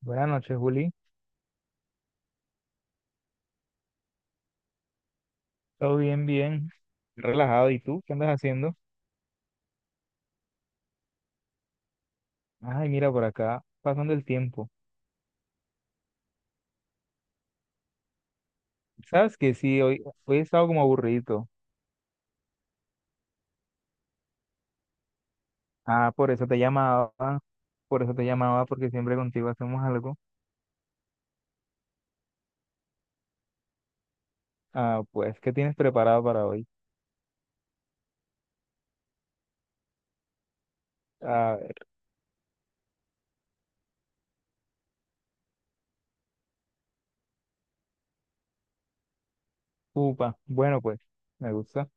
Buenas noches, Juli. Todo bien, bien. Relajado. ¿Y tú? ¿Qué andas haciendo? Ay, mira por acá, pasando el tiempo. Sabes que sí, hoy he estado como aburrido. Por eso te llamaba, por eso te llamaba, porque siempre contigo hacemos algo. ¿Qué tienes preparado para hoy? Ah, upa. Bueno, pues, me gusta.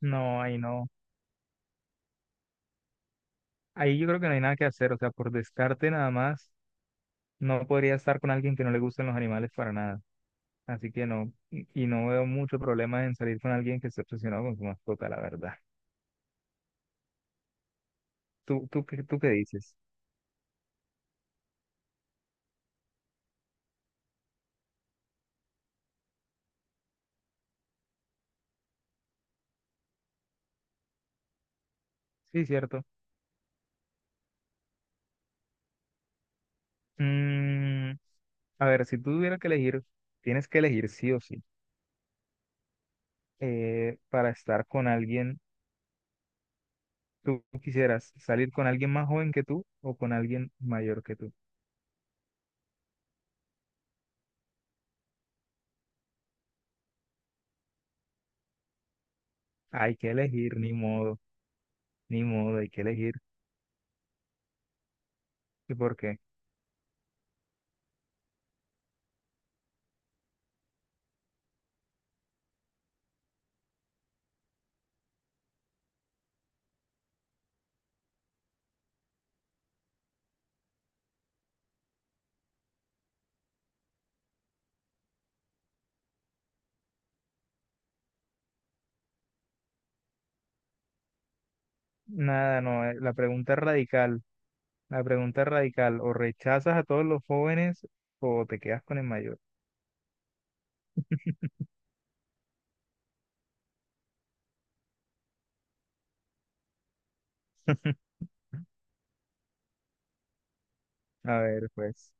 No, ahí no. Ahí yo creo que no hay nada que hacer. O sea, por descarte nada más, no podría estar con alguien que no le gusten los animales para nada. Así que no, y no veo mucho problema en salir con alguien que esté obsesionado con su mascota, la verdad. ¿Tú qué dices? Sí, cierto. Mm, a ver, si tú tuvieras que elegir, tienes que elegir sí o sí, para estar con alguien, ¿tú quisieras salir con alguien más joven que tú o con alguien mayor que tú? Hay que elegir, ni modo, ni modo, hay que elegir. ¿Y por qué? Nada, no, la pregunta es radical, la pregunta es radical, o rechazas a todos los jóvenes o te quedas con el mayor. A ver, pues.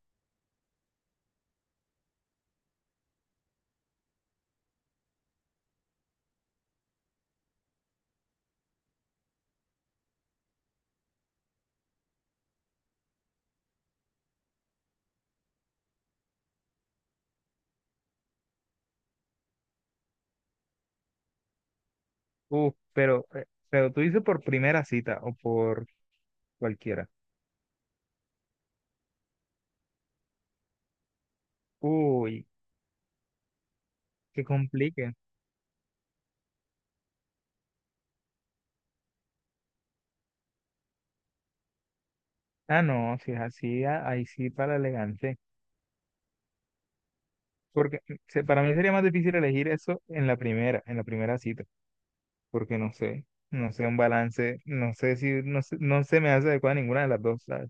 Uf, pero, pero tú dices por primera cita o por cualquiera. Uy, que complique. Ah, no, si es así, a- ahí sí para elegante. Porque se- para mí sería más difícil elegir eso en la primera cita. Porque no sé, no sé un balance, no sé si, no sé- no se me hace adecuada ninguna de las dos, ¿sabes?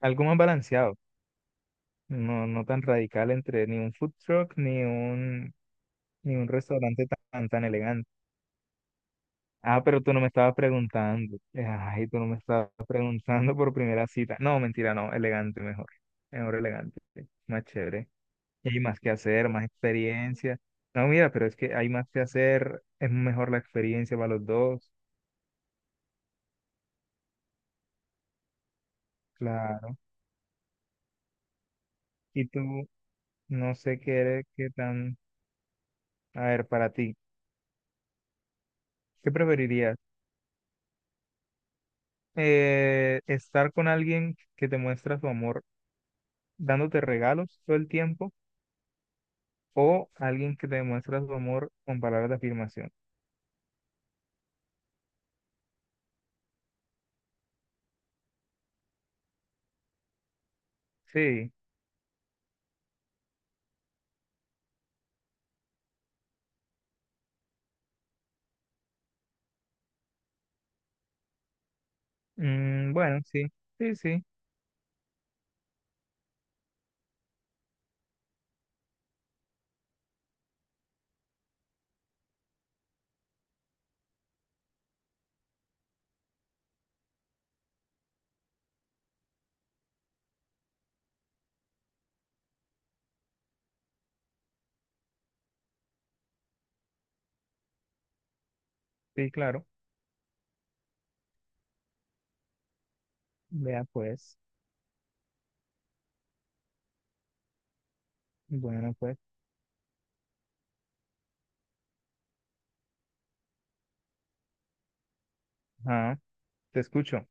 Algo más balanceado, no, no tan radical entre ni un food truck ni un, ni un restaurante tan, tan elegante. Ah, pero tú no me estabas preguntando. Ay, tú no me estabas preguntando por primera cita. No, mentira, no. Elegante mejor. Mejor elegante. Más chévere. Y hay más que hacer, más experiencia. No, mira, pero es que hay más que hacer. Es mejor la experiencia para los dos. Claro. Y tú, no sé qué, eres- qué tan... A ver, para ti, ¿qué preferirías? ¿Estar con alguien que te muestra su amor dándote regalos todo el tiempo o alguien que te muestra su amor con palabras de afirmación? Sí, bueno, sí, sí, sí, sí, claro. Vea pues, bueno pues, ajá, te escucho,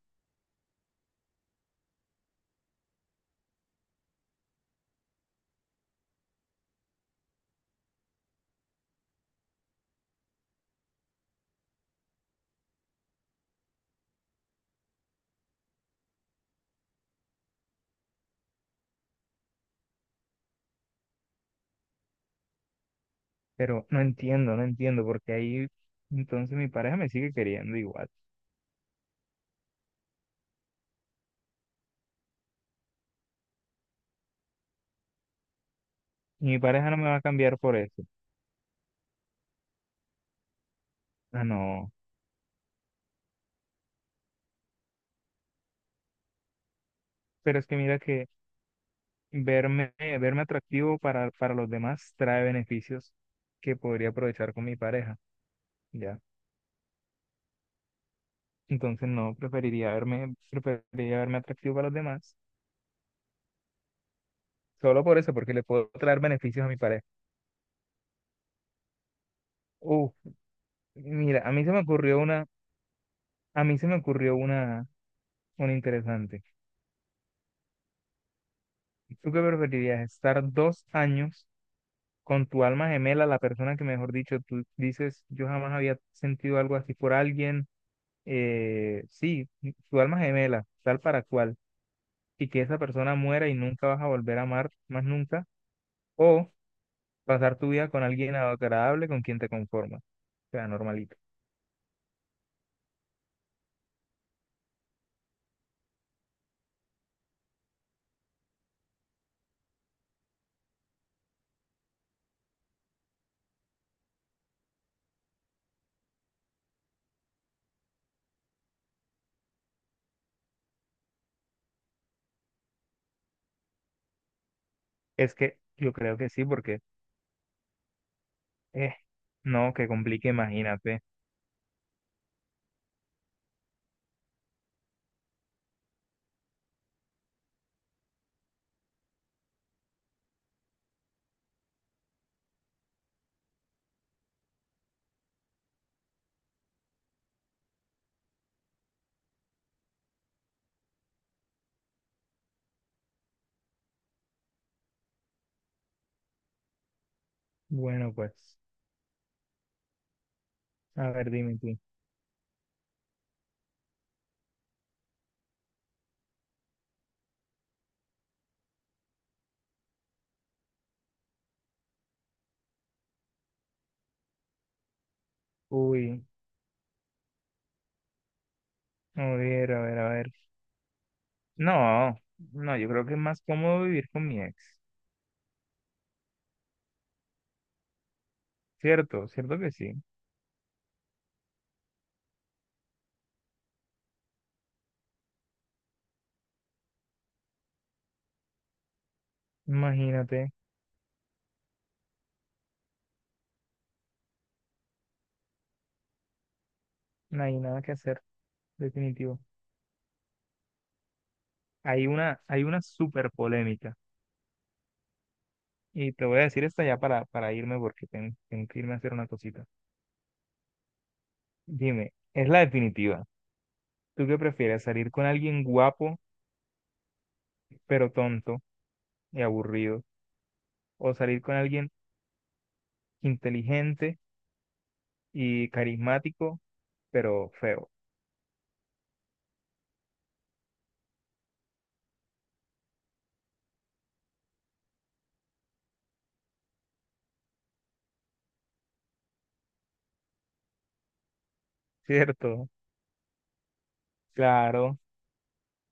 pero no entiendo, no entiendo, porque ahí entonces mi pareja me sigue queriendo igual. Y mi pareja no me va a cambiar por eso. Ah, no, pero es que mira que verme, verme atractivo para los demás trae beneficios que podría aprovechar con mi pareja, ya. Entonces no, preferiría verme atractivo para los demás, solo por eso, porque le puedo traer beneficios a mi pareja. Uf, mira, a mí se me ocurrió una, a mí se me ocurrió una interesante. ¿Tú qué preferirías? ¿Estar 2 años con tu alma gemela, la persona que mejor dicho tú dices, yo jamás había sentido algo así por alguien? Sí, tu alma gemela, tal para cual, y que esa persona muera y nunca vas a volver a amar más nunca, o pasar tu vida con alguien agradable con quien te conformas, o sea, normalito. Es que yo creo que sí, porque, eh, no, que complique, imagínate. Bueno, pues. A ver, dime tú. Uy, a ver, a ver, a ver. No, no, yo creo que es más cómodo vivir con mi ex. Cierto, cierto que sí. Imagínate, no hay nada que hacer, definitivo. Hay una súper polémica. Y te voy a decir esta ya para irme porque tengo, tengo que irme a hacer una cosita. Dime, es la definitiva. ¿Tú qué prefieres? ¿Salir con alguien guapo, pero tonto y aburrido? ¿O salir con alguien inteligente y carismático, pero feo? ¿Cierto? Claro,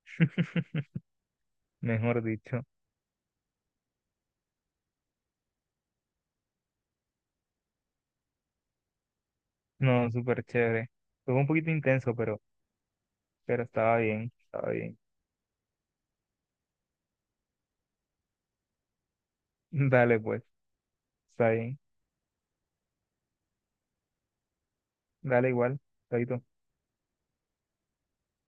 mejor dicho. No, súper chévere. Fue un poquito intenso, pero estaba bien, estaba bien. Dale, pues, está bien. Dale igual. Chaito.